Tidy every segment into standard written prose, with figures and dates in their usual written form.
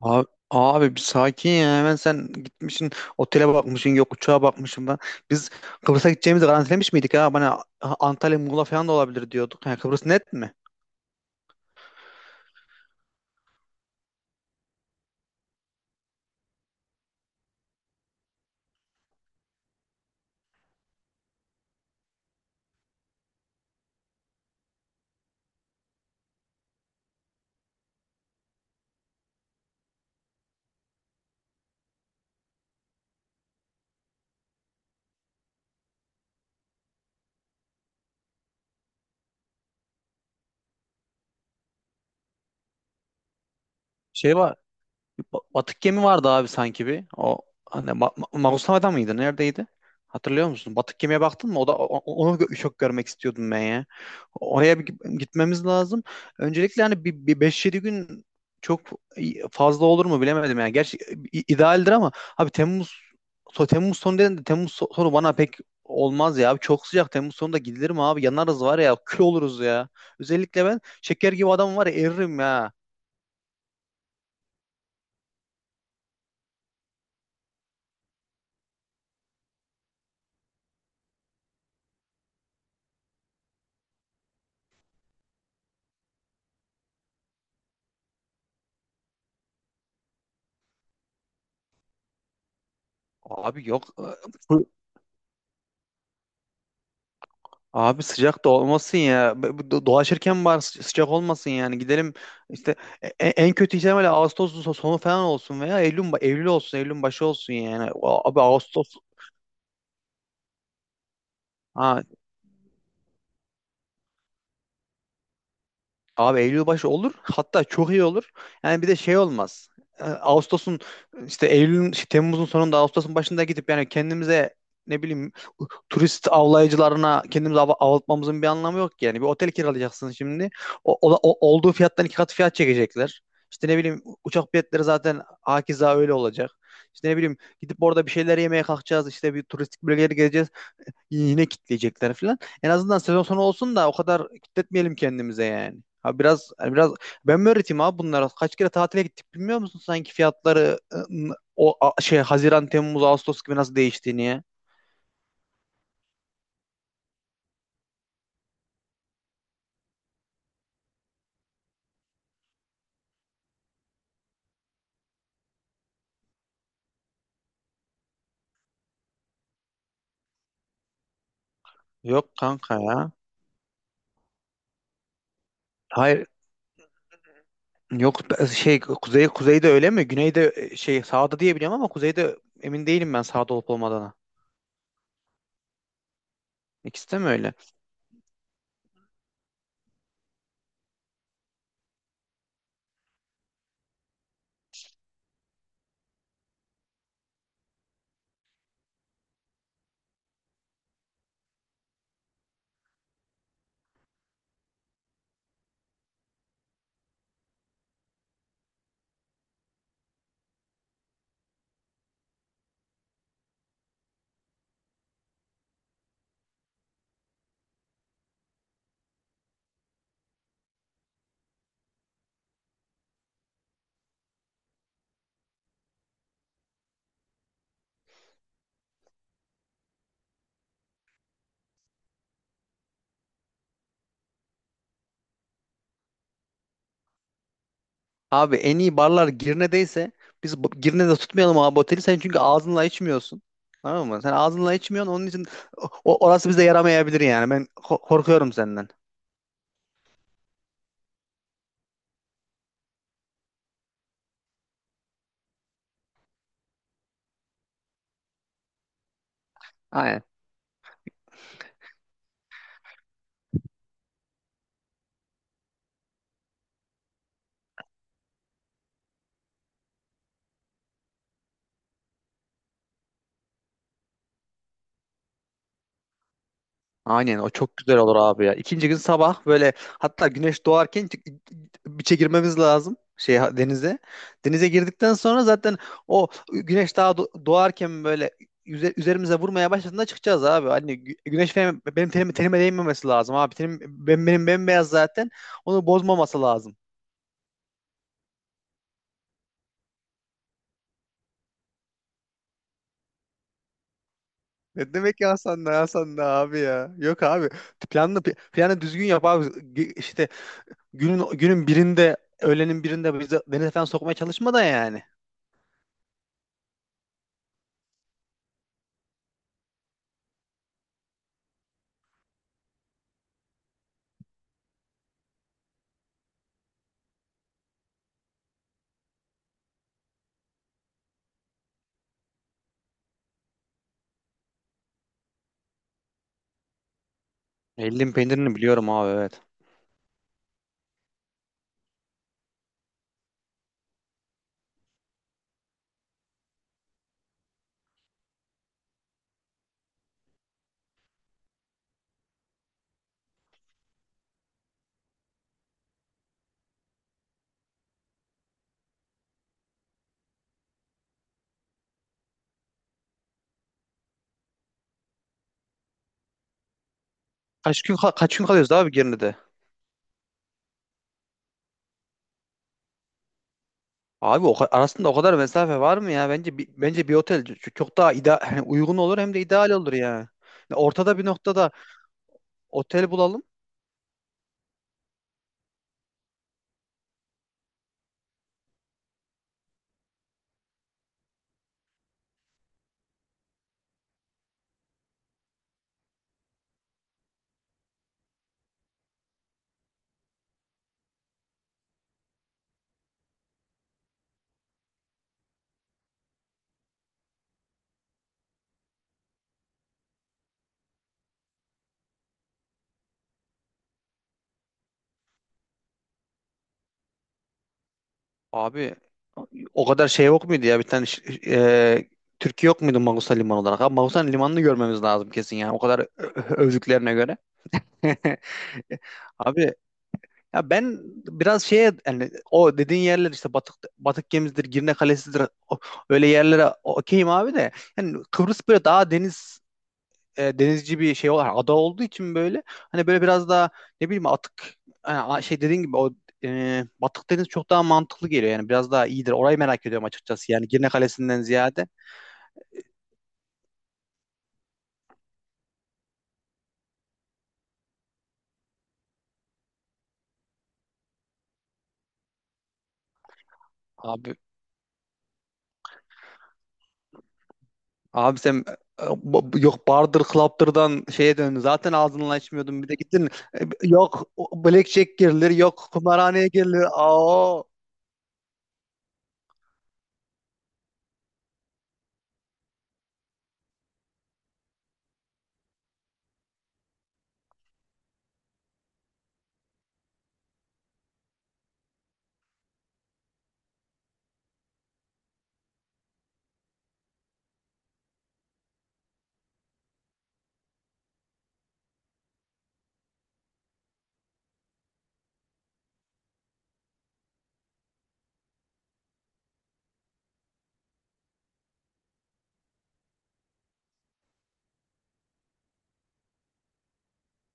Abi, bir sakin ya, hemen sen gitmişsin otele bakmışsın, yok uçağa bakmışsın ben. Biz Kıbrıs'a gideceğimizi garantilemiş miydik, ha? Bana Antalya Muğla falan da olabilir diyorduk. Yani Kıbrıs net mi? Şey var, Batık gemi vardı abi sanki, bir. O hani, Magoslava'da mıydı? Neredeydi? Hatırlıyor musun? Batık gemiye baktın mı? O da, onu çok görmek istiyordum ben ya. Oraya bir gitmemiz lazım. Öncelikle hani, bir 5-7 gün çok fazla olur mu bilemedim yani. Gerçi idealdir ama abi, Temmuz sonu dedin de Temmuz sonu bana pek olmaz ya abi. Çok sıcak, Temmuz sonunda gidilir mi abi? Yanarız var ya, kül oluruz ya. Özellikle ben şeker gibi adam var ya, eririm ya. Abi yok. Ee, Abi sıcak da olmasın ya. Dolaşırken var, sıcak olmasın yani. Gidelim işte, en kötü ihtimalle Ağustos sonu falan olsun veya Eylül olsun, Eylül başı olsun yani. Abi Ağustos, ha. Abi Eylül başı olur. Hatta çok iyi olur. Yani bir de şey olmaz. Ağustos'un işte Eylül'ün şey, Temmuz'un sonunda Ağustos'un başında gidip yani kendimize ne bileyim turist avlayıcılarına kendimizi avlatmamızın bir anlamı yok ki, yani. Bir otel kiralayacaksın şimdi. Olduğu fiyattan iki kat fiyat çekecekler. İşte ne bileyim, uçak biletleri zaten hakeza öyle olacak. İşte ne bileyim, gidip orada bir şeyler yemeye kalkacağız. İşte bir turistik bölgeleri gezeceğiz, yine kitleyecekler falan. En azından sezon sonu olsun da o kadar kitletmeyelim kendimize yani. Ha biraz, hani biraz ben mi öğreteyim abi bunlara? Kaç kere tatile gittik, bilmiyor musun sanki fiyatları, şey Haziran, Temmuz, Ağustos gibi nasıl değiştiğini ya? Yok kanka ya. Hayır yok, şey, kuzeyde öyle mi? Güneyde şey sağda diye biliyorum ama kuzeyde emin değilim ben, sağda olup olmadığına. İkisi de mi öyle? Abi en iyi barlar Girne'deyse, biz Girne'de tutmayalım abi oteli. Sen çünkü ağzınla içmiyorsun. Tamam mı? Sen ağzınla içmiyorsun. Onun için orası bize yaramayabilir yani. Ben korkuyorum senden. Aynen, o çok güzel olur abi ya. İkinci gün sabah böyle, hatta güneş doğarken biçe girmemiz lazım, şey, denize. Denize girdikten sonra zaten o güneş daha doğarken böyle üzerimize vurmaya başladığında çıkacağız abi. Hani güneş benim tenime değmemesi lazım abi. Tenim, benim bembeyaz zaten. Onu bozmaması lazım. Ne demek ya, Hasan da Hasan da abi ya. Yok abi. Planını Planı düzgün yap abi. İşte günün birinde, öğlenin birinde bizi denize falan sokmaya çalışma da yani. Eldim peynirini biliyorum abi, evet. Kaç gün, kaç gün kalıyoruz abi Girne'de? Abi o, arasında o kadar mesafe var mı ya? Bence bir otel çok daha ida hani uygun olur hem de ideal olur ya. Ya, ortada bir noktada otel bulalım. Abi o kadar şey yok muydu ya, bir tane e, Türkiye yok muydu Magusa Limanı olarak? Abi Magusa Limanı'nı görmemiz lazım kesin, yani o kadar övdüklerine göre. Abi, ya ben biraz şeye, yani o dediğin yerler işte Batık Gemisidir, Girne Kalesi'dir, o- öyle yerlere okeyim abi de yani Kıbrıs böyle daha deniz, denizci bir şey olarak ada olduğu için, böyle hani böyle biraz daha ne bileyim atık, yani şey dediğin gibi, o, Batık Deniz çok daha mantıklı geliyor yani, biraz daha iyidir. Orayı merak ediyorum açıkçası, yani Girne Kalesi'nden ziyade. Abi, sen, yok bardır klaptırdan şeye döndün. Zaten ağzından açmıyordun. Bir de gittin, yok blackjack girilir, yok kumarhaneye girilir. Aa.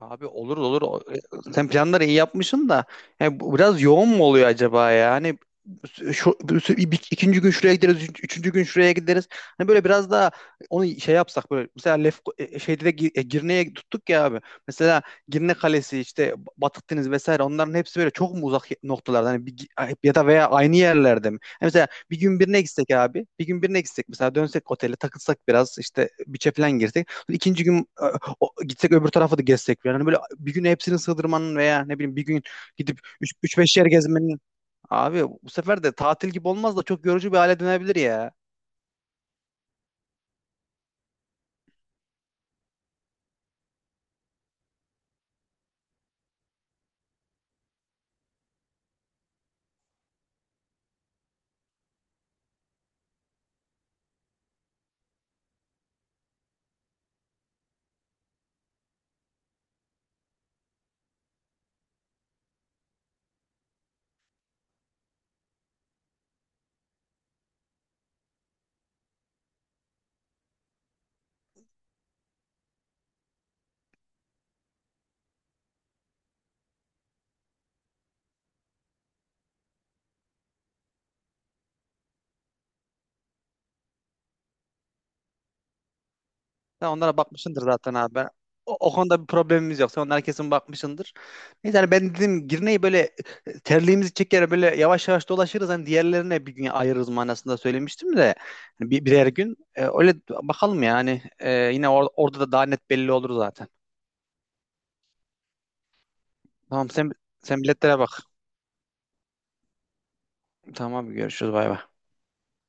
Abi olur olur. Sen planları iyi yapmışsın da yani, bu biraz yoğun mu oluyor acaba ya? Hani, şu, ikinci gün şuraya gideriz, üçüncü gün şuraya gideriz. Hani böyle biraz daha onu şey yapsak, böyle mesela şeyde de Girne'ye tuttuk ya abi. Mesela Girne Kalesi, işte Batık Deniz vesaire, onların hepsi böyle çok mu uzak noktalarda hani, bir, ya da veya aynı yerlerde mi? Hani mesela bir gün birine gitsek abi. Bir gün birine gitsek, mesela dönsek otele takılsak biraz, işte biçe falan girsek. İkinci gün gitsek öbür tarafa da gezsek falan. Hani böyle bir gün hepsini sığdırmanın, veya ne bileyim bir gün gidip 3-5 yer gezmenin. Abi bu sefer de tatil gibi olmaz da çok yorucu bir hale dönebilir ya. Sen onlara bakmışsındır zaten abi. Ben, o konuda bir problemimiz yok. Sen onlara kesin bakmışsındır. Neyse hani, ben dedim Girne'yi böyle, terliğimizi çeker böyle yavaş yavaş dolaşırız. Hani diğerlerine bir gün ayırırız manasında söylemiştim de. Hani birer gün. Öyle bakalım yani. Yine orada da daha net belli olur zaten. Tamam, sen, biletlere bak. Tamam, görüşürüz, bay bay.